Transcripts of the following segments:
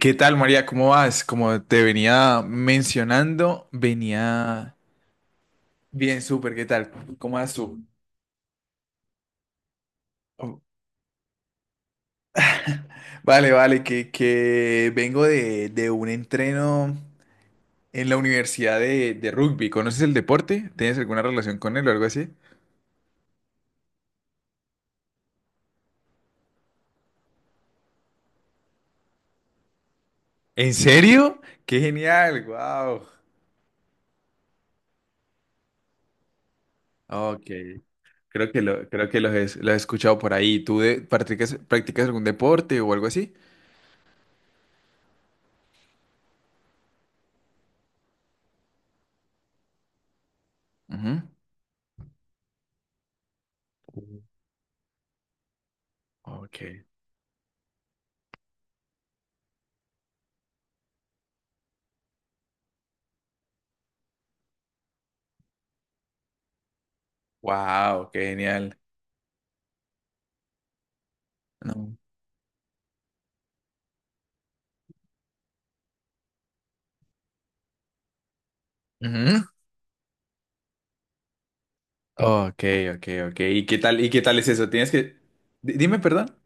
¿Qué tal, María? ¿Cómo vas? Como te venía mencionando, venía bien, súper. ¿Qué tal? ¿Cómo vas tú? Oh, vale, vale, que vengo de un entreno en la universidad de rugby. ¿Conoces el deporte? ¿Tienes alguna relación con él o algo así? ¿En serio? ¡Qué genial! ¡Wow! Ok, creo que, lo, creo que los he escuchado por ahí. ¿Tú practicas, practicas algún deporte o algo así? Ujú. Ok. Wow, qué genial. No. Ujú. Ok, ok, ok. Y qué tal es eso? Tienes que... Dime, perdón.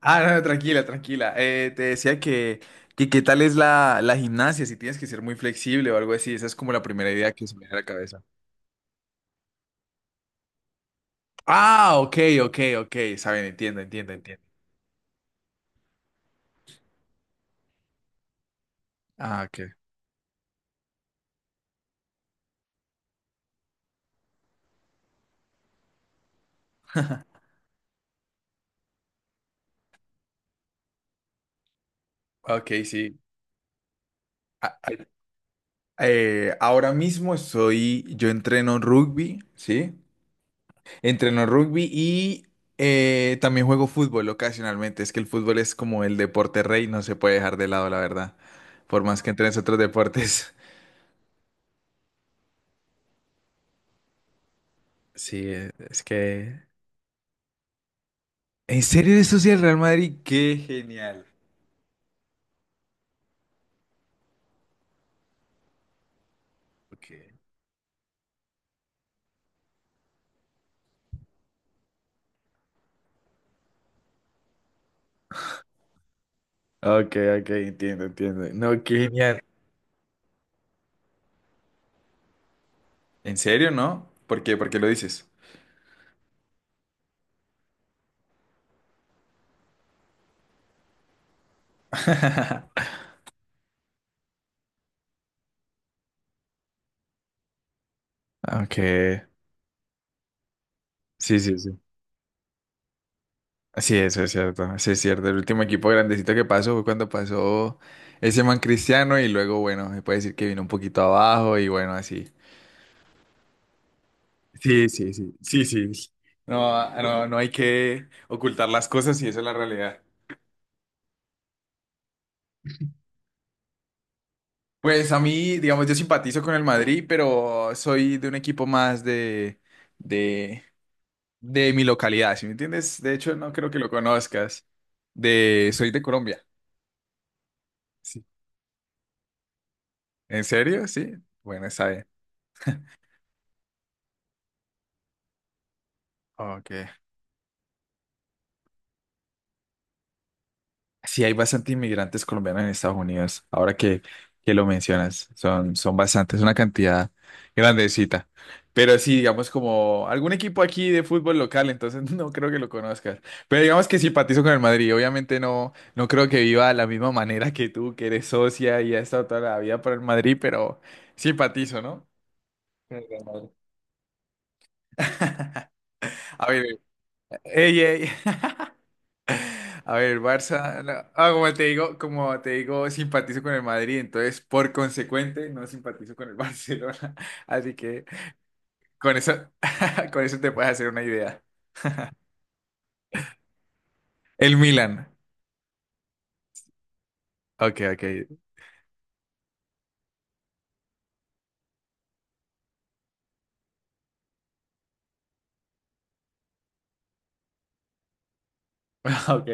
Ah, no, no, tranquila, tranquila. Te decía que qué tal es la gimnasia, si tienes que ser muy flexible o algo así. Esa es como la primera idea que se me viene a la cabeza. Ah, ok, ok, ok. Saben, entiendo, entiendo, entiendo. Ah, ok. Ok, sí. A- a- Ahora mismo estoy, yo entreno rugby, ¿sí? Entreno rugby y también juego fútbol ocasionalmente. Es que el fútbol es como el deporte rey, no se puede dejar de lado, la verdad. Por más que entrenes otros deportes. Sí, es que... ¿En serio eres socio del Real Madrid? ¡Qué genial! Ok, ok, ok, entiendo, entiendo. No, qué genial. ¿En serio, no? ¿Por qué? ¿Por qué lo dices? Ok, sí, sí, sí. Sí, eso es cierto, sí es cierto. El último equipo grandecito que pasó fue cuando pasó ese man Cristiano y luego, bueno, se puede decir que vino un poquito abajo y bueno, así. Sí, sí, sí, sí, sí. No, no, no hay que ocultar las cosas y esa es la realidad. Pues a mí, digamos, yo simpatizo con el Madrid, pero soy de un equipo más de, de, de mi localidad, ¿sí me entiendes? De hecho, no creo que lo conozcas. De, soy de Colombia. Sí. ¿En serio? Sí. Bueno, está bien. Ok. Sí, hay bastante inmigrantes colombianos en Estados Unidos, ahora que lo mencionas, son, son bastantes, una cantidad grandecita. Pero sí, digamos como algún equipo aquí de fútbol local, entonces no creo que lo conozcas. Pero digamos que simpatizo con el Madrid, obviamente no, no creo que viva de la misma manera que tú, que eres socia y has estado toda la vida por el Madrid, pero simpatizo, ¿no? Con el Real Madrid. A ver, ey, ey. A ver, el Barça, no. Ah, como te digo, simpatizo con el Madrid, entonces por consecuente no simpatizo con el Barcelona. Así que con eso, con eso te puedes hacer una idea. El Milan. Ok, ok. Ok.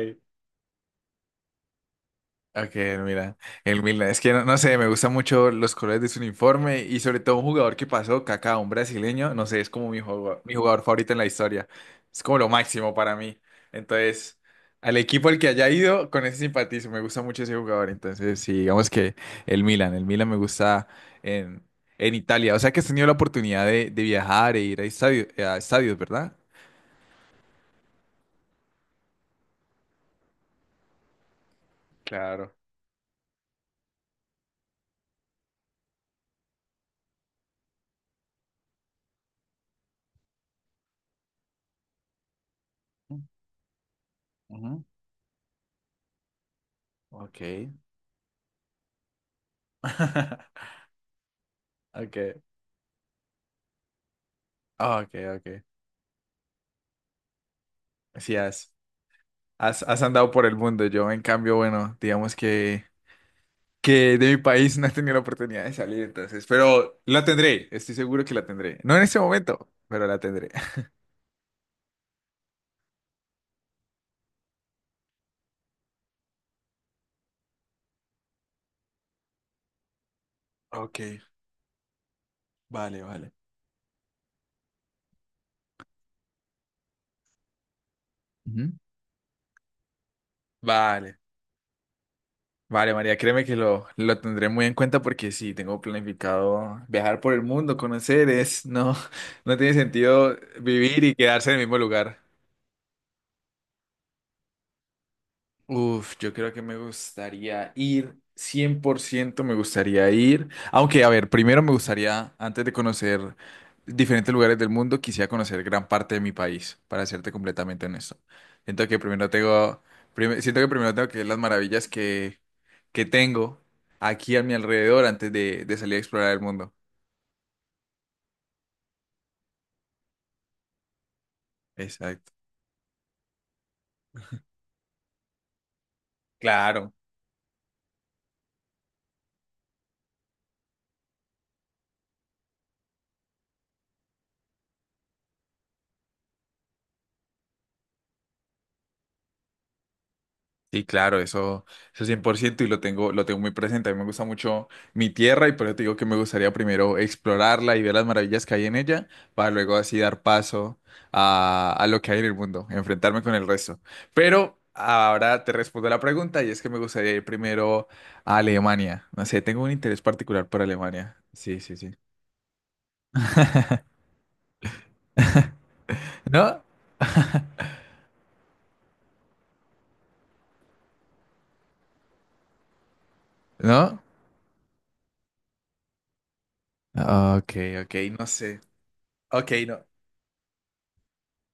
Ok, mira, el Milan. Es que no, no sé, me gustan mucho los colores de su uniforme y sobre todo un jugador que pasó, Kaká, un brasileño, no sé, es como mi jugador favorito en la historia. Es como lo máximo para mí. Entonces, al equipo al que haya ido, con ese simpatizo, me gusta mucho ese jugador. Entonces, sí, digamos que el Milan me gusta en, en Italia. O sea que has tenido la oportunidad de viajar e ir a a estadios, ¿verdad? Claro. Ujú. Ok. Okay. Okay, okay. Sí, has, has andado por el mundo. Yo, en cambio, bueno, digamos que de mi país no he tenido la oportunidad de salir, entonces, pero la tendré, estoy seguro que la tendré. No en este momento, pero la tendré. Ok, vale, vale. Ujú. Vale, vale, María, créeme que lo tendré muy en cuenta porque sí, tengo planificado viajar por el mundo, conocer, es, no, no tiene sentido vivir y quedarse en el mismo lugar. Uf, yo creo que me gustaría ir, 100% me gustaría ir, aunque a ver, primero me gustaría, antes de conocer diferentes lugares del mundo, quisiera conocer gran parte de mi país, para serte completamente honesto. Siento que primero tengo, siento que primero tengo que ver las maravillas que tengo aquí a mi alrededor antes de salir a explorar el mundo. Exacto. Claro. Sí, claro, eso 100% y lo tengo muy presente. A mí me gusta mucho mi tierra y por eso te digo que me gustaría primero explorarla y ver las maravillas que hay en ella para luego así dar paso a lo que hay en el mundo, enfrentarme con el resto. Pero ahora te respondo la pregunta y es que me gustaría ir primero a Alemania. No sé, tengo un interés particular por Alemania. Sí, sí, sí. ¿No? ¿No? Ok, ok, no sé. Ok, no.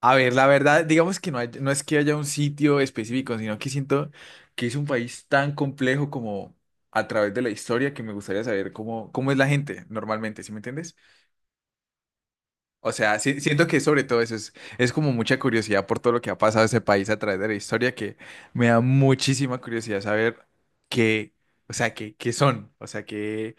A ver, la verdad, digamos que no es que haya un sitio específico, sino que siento que es un país tan complejo como a través de la historia que me gustaría saber cómo, cómo es la gente normalmente, ¿sí me entiendes? O sea, siento que sobre todo eso es como mucha curiosidad por todo lo que ha pasado ese país a través de la historia que me da muchísima curiosidad saber qué, o sea, qué, qué son, o sea, qué,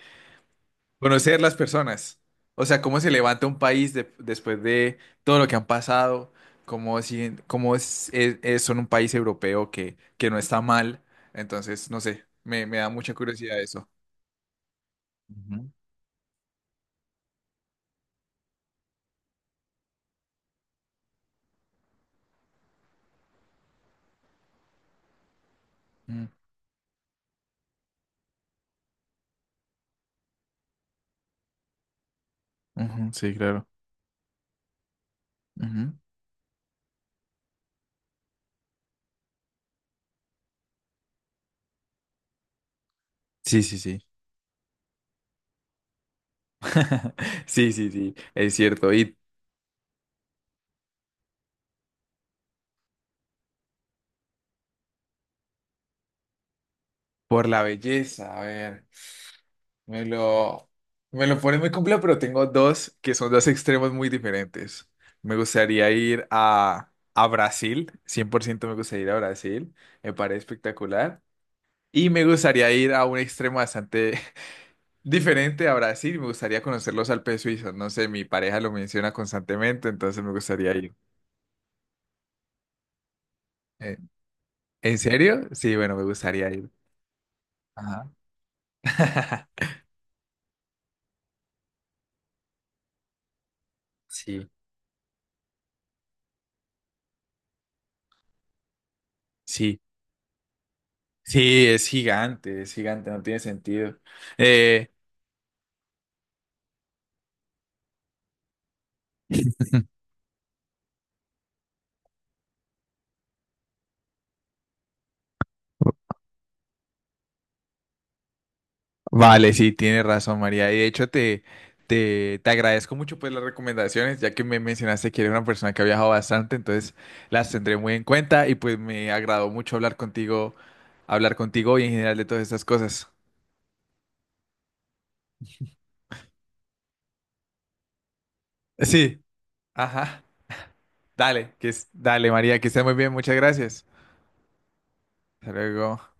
conocer las personas. O sea, cómo se levanta un país después de todo lo que han pasado, cómo, cómo es, son un país europeo que no está mal. Entonces, no sé, me da mucha curiosidad eso. Ujú, ujú, ujú, sí, claro. Ujú. Sí, sí, sí. Sí, sí, sí, es cierto. Y por la belleza, a ver. Me lo, me lo pone muy complejo, pero tengo dos que son dos extremos muy diferentes. Me gustaría ir a Brasil, 100% me gustaría ir a Brasil, me parece espectacular. Y me gustaría ir a un extremo bastante diferente a Brasil, me gustaría conocer los Alpes suizos. No sé, mi pareja lo menciona constantemente, entonces me gustaría ir. Eh, ¿En serio? Sí, bueno, me gustaría ir. Ajá. Sí, sí, sí, es gigante, no tiene sentido. Eh, vale, sí, tienes razón, María. Y de hecho, te agradezco mucho pues las recomendaciones, ya que me mencionaste que eres una persona que ha viajado bastante, entonces las tendré muy en cuenta y pues me agradó mucho hablar contigo y en general de todas estas cosas. Sí, ajá. Dale, que es, dale, María, que esté muy bien, muchas gracias. Hasta luego.